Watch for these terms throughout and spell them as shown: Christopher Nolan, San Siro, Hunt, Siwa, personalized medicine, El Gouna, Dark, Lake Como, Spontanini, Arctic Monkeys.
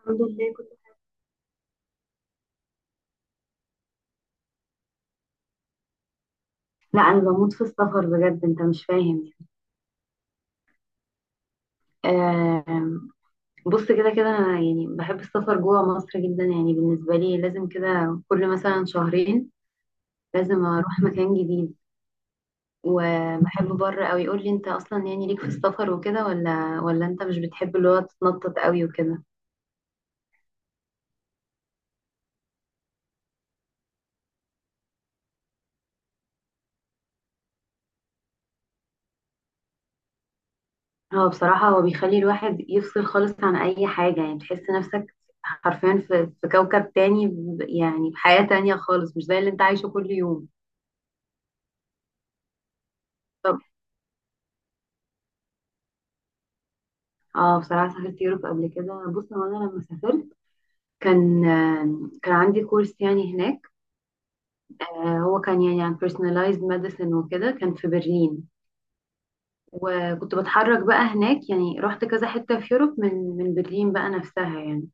الحمد لله كنت. لا انا بموت في السفر بجد، انت مش فاهم. يعني آم، بص. كده كده انا يعني بحب السفر جوه مصر جدا، يعني بالنسبه لي لازم كده كل مثلا شهرين لازم اروح مكان جديد. وبحب بره قوي. يقول لي انت اصلا يعني ليك في السفر وكده ولا انت مش بتحب اللي هو تتنطط قوي وكده. هو بصراحه هو بيخلي الواحد يفصل خالص عن اي حاجه، يعني تحس نفسك حرفيا في كوكب تاني، يعني بحياه تانية خالص، مش زي اللي انت عايشه كل يوم. اه بصراحة سافرت يوروب قبل كده. بص هو انا لما سافرت كان كان عندي كورس يعني هناك. هو كان يعني عن personalized medicine وكده، كان في برلين. وكنت بتحرك بقى هناك، يعني رحت كذا حتة في يوروب من برلين بقى نفسها يعني.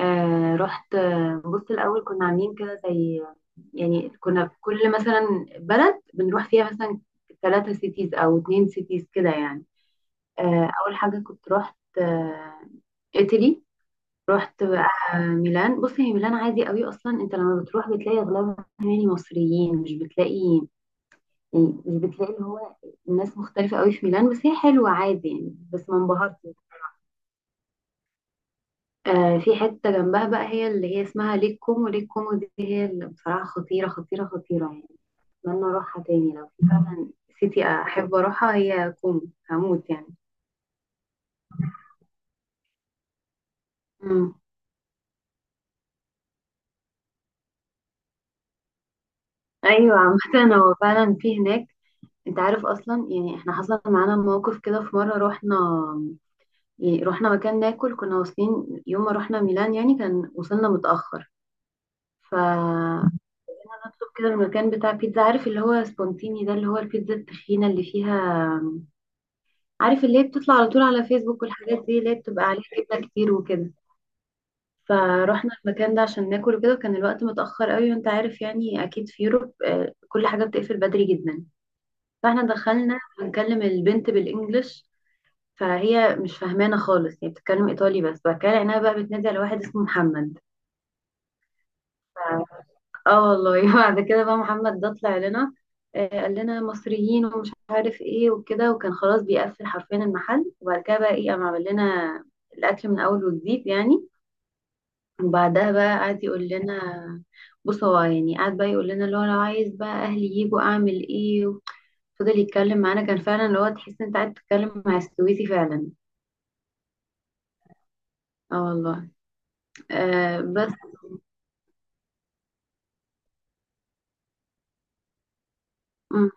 رحت، بص الأول كنا عاملين كده زي يعني كنا في كل مثلا بلد بنروح فيها مثلا ثلاثة سيتيز أو اتنين سيتيز كده يعني. أول حاجة كنت رحت إيطالي. رحت بقى ميلان. بص هي ميلان عادي قوي، اصلا انت لما بتروح بتلاقي اغلبها يعني مصريين، مش بتلاقي يعني مش بتلاقي اللي هو الناس مختلفة قوي في ميلان. بس هي حلوة عادي يعني، بس ما انبهرتش. في حتة جنبها بقى هي اللي هي اسمها ليك كومو. ليك كومو دي هي اللي بصراحة خطيرة خطيرة خطيرة يعني. اتمنى اروحها تاني. لو في فعلا سيتي احب اروحها هي كومو. هموت يعني. مم. ايوه عامة هو فعلا في هناك. انت عارف اصلا يعني احنا حصل معانا موقف كده في مرة رحنا، يعني رحنا مكان ناكل. كنا واصلين يوم ما رحنا ميلان، يعني كان وصلنا متأخر. فنطلب كده المكان بتاع بيتزا، عارف اللي هو سبونتيني ده اللي هو البيتزا التخينة اللي فيها، عارف اللي هي بتطلع على طول على فيسبوك والحاجات دي اللي هي بتبقى عليها جبنة كتير وكده. فروحنا المكان ده عشان ناكل وكده، وكان الوقت متأخر قوي، وانت عارف يعني اكيد في يوروب كل حاجة بتقفل بدري جدا. فاحنا دخلنا بنكلم البنت بالانجلش، فهي مش فاهمانه خالص، هي بتتكلم ايطالي. بس بعد كده لقيناها بقى بتنادي على واحد اسمه محمد. اه والله. بعد كده بقى محمد ده طلع لنا، قال لنا مصريين ومش عارف ايه وكده، وكان خلاص بيقفل حرفيا المحل. وبعد كده بقى ايه، قام عمل لنا الاكل من اول وجديد يعني. وبعدها بقى قعد يقول لنا، بص هو يعني قعد بقى يقول لنا اللي هو لو عايز بقى اهلي يجوا اعمل ايه. فضل يتكلم معانا. كان فعلا اللي هو تحس انت قاعد تتكلم مع السويسي فعلا. اه والله. آه بس م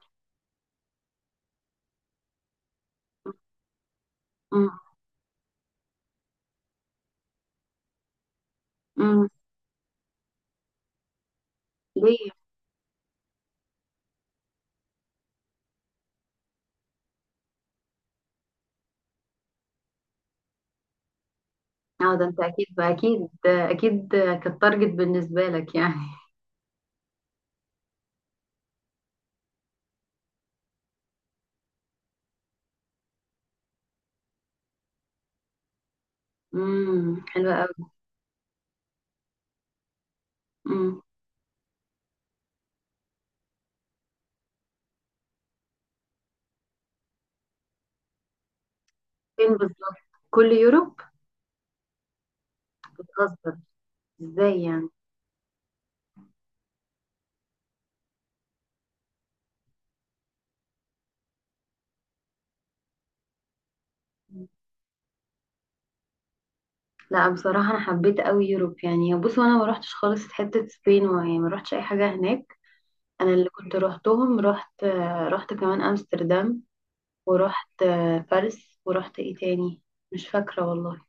-م -م. ليه. اه ده انت اكيد اكيد اكيد كانت تارجت بالنسبه لك يعني. حلوه قوي. امم. فين بالظبط؟ كل يوروب؟ بتهزر، ازاي يعني؟ لا بصراحه انا حبيت قوي يوروب يعني. بصوا انا ما روحتش خالص حته سبين، ويعني ما روحتش اي حاجه هناك. انا اللي كنت روحتهم، رحت رحت كمان امستردام، ورحت باريس، ورحت ايه تاني؟ مش فاكره والله.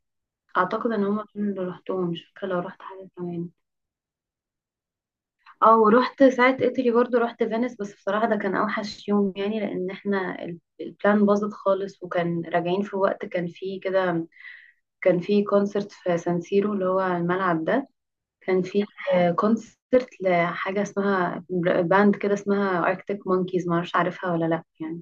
اعتقد ان هما دول اللي روحتهم، مش فاكره لو رحت حاجه كمان. اه ورحت ساعة ايطالي برضو، رحت فينيس. بس بصراحة ده كان اوحش يوم يعني، لان احنا البلان باظت خالص، وكان راجعين في وقت كان فيه كده، كان فيه كونسرت في سانسيرو اللي هو الملعب ده. كان فيه كونسرت لحاجة اسمها باند كده اسمها اركتيك مونكيز، معرفش عارفها ولا لا يعني.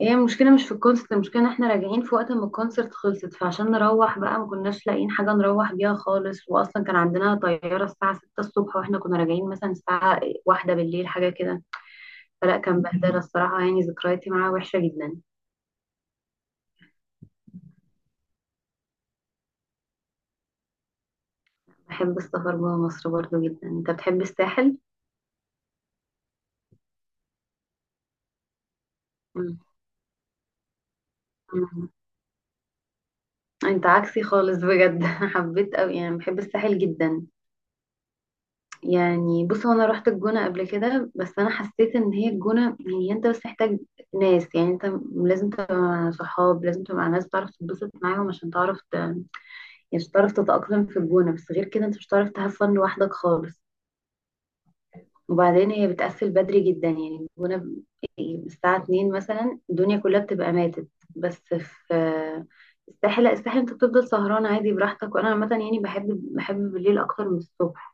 هي المشكلة مش في الكونسرت، المشكلة ان احنا راجعين في وقت ما الكونسرت خلصت. فعشان نروح بقى ما كناش لاقيين حاجة نروح بيها خالص، واصلا كان عندنا طيارة الساعة 6 الصبح، واحنا كنا راجعين مثلا الساعة واحدة بالليل حاجة كده. فلا كان بهدلة الصراحة يعني، ذكرياتي معاه وحشة جدا. بحب السفر جوه مصر برضو جدا. انت بتحب الساحل؟ مم. مم. انت عكسي خالص بجد. حبيت اوي يعني، بحب الساحل جدا يعني. بص هو انا رحت الجونة قبل كده، بس انا حسيت ان هي الجونة هي انت بس محتاج ناس. يعني انت لازم تبقى مع صحاب، لازم تبقى مع ناس تعرف تتبسط معاهم عشان تعرف يعني عشان تعرف تتأقلم في الجونة. بس غير كده انت مش هتعرف تهفن لوحدك خالص. وبعدين هي بتقفل بدري جدا يعني، الجونة الساعة 2 مثلا الدنيا كلها بتبقى ماتت. بس في الساحل لا، الساحل انت بتفضل سهران عادي براحتك. وانا عامة يعني بحب بحب بالليل اكتر من الصبح،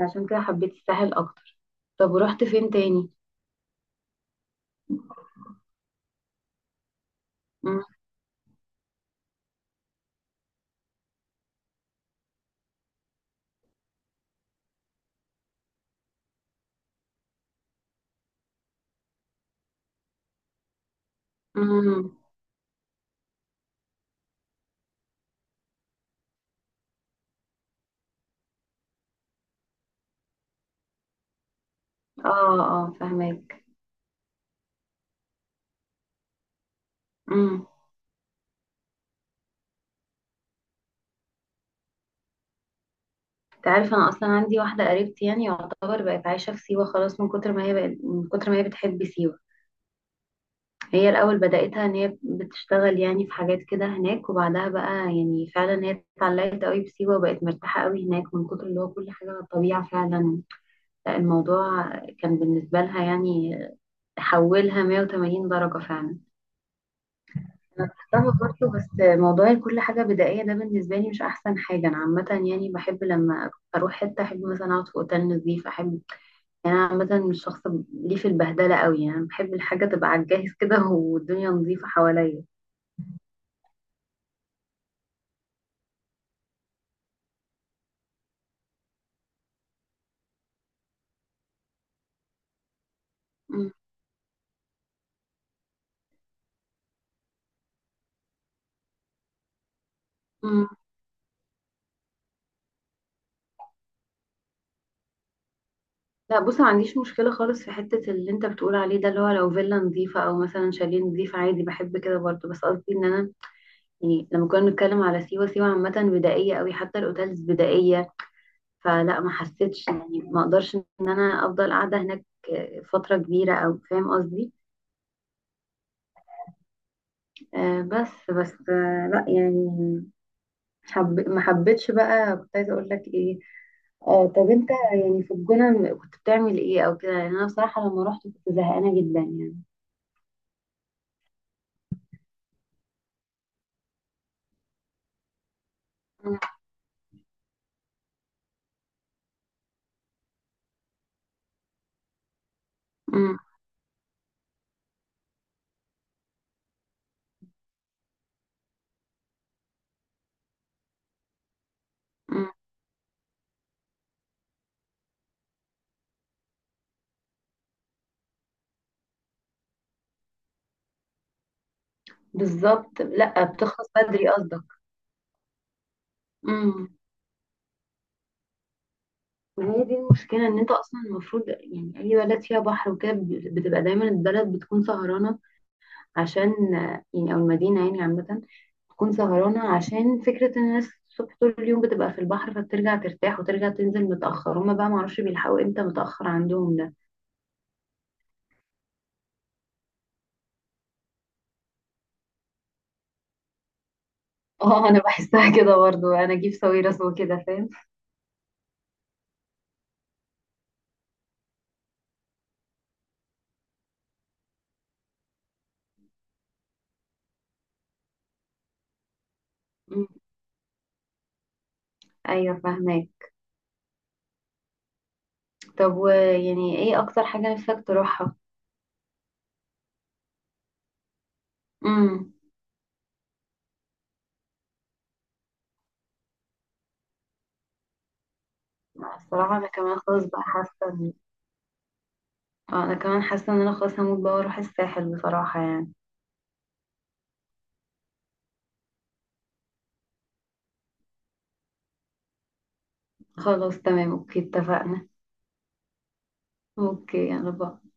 عشان كده حبيت الساحل اكتر. طب ورحت فين تاني؟ مم. مم. اه اه فهمك. امم. تعرف انا اصلا عندي واحده قريبتي يعني يعتبر بقت عايشه في سيوه خلاص، من كتر ما هي بقت من كتر ما هي بتحب سيوه. هي الاول بداتها ان هي بتشتغل يعني في حاجات كده هناك، وبعدها بقى يعني فعلا هي اتعلقت قوي بسيوه، وبقت مرتاحه قوي هناك من كتر اللي هو كل حاجه على الطبيعه فعلا. لا، الموضوع كان بالنسبه لها يعني حولها 180 درجه فعلا. انا رحتها برضه، بس موضوع كل حاجه بدائيه ده بالنسبه لي مش احسن حاجه. انا عامه يعني بحب لما اروح حته احب مثلا اقعد في اوتيل نظيف، احب يعني انا عامه مش شخص ليه في البهدله قوي يعني. بحب الحاجه تبقى على الجاهز كده والدنيا نظيفه حواليا. أمم. أمم. لا بص، ما عنديش مشكله خالص في حته اللي انت بتقول عليه ده، اللي هو لو فيلا نظيفه او مثلا شاليه نظيف عادي بحب كده برضه. بس قصدي ان انا يعني لما كنا بنتكلم على سيوه، سيوه عامه بدائيه قوي، حتى الاوتيلز بدائيه. فلا ما حسيتش يعني، ما اقدرش ان انا افضل قاعده هناك فتره كبيره، او فاهم قصدي. بس لا يعني ما حبيتش بقى. كنت عايزه اقول لك ايه؟ طب انت يعني في الجونه كنت بتعمل ايه او كده؟ يعني انا بصراحه لما رحت كنت زهقانه جدا يعني. مم. مم. مم. بالظبط، لا بتخلص بدري قصدك. امم. ما هي دي المشكله، ان انت اصلا المفروض يعني اي بلد فيها بحر وكده بتبقى دايما البلد بتكون سهرانه، عشان يعني او المدينه يعني عامه تكون سهرانه، عشان فكره ان الناس الصبح طول اليوم بتبقى في البحر، فبترجع ترتاح وترجع تنزل متاخر. هما بقى معرفش بيلحقوا امتى متاخر عندهم ده. اه انا بحسها كده برضو، انا اجيب ساويرس وكده فاهم. مم. ايوه فاهمك. طب ويعني ايه اكتر حاجه نفسك تروحها؟ امم. الصراحه انا كمان خلاص بقى حاسه ان اه انا كمان حاسه ان انا خلاص هموت بقى واروح الساحل بصراحه يعني. خلاص تمام اوكي اتفقنا. اوكي يلا باي.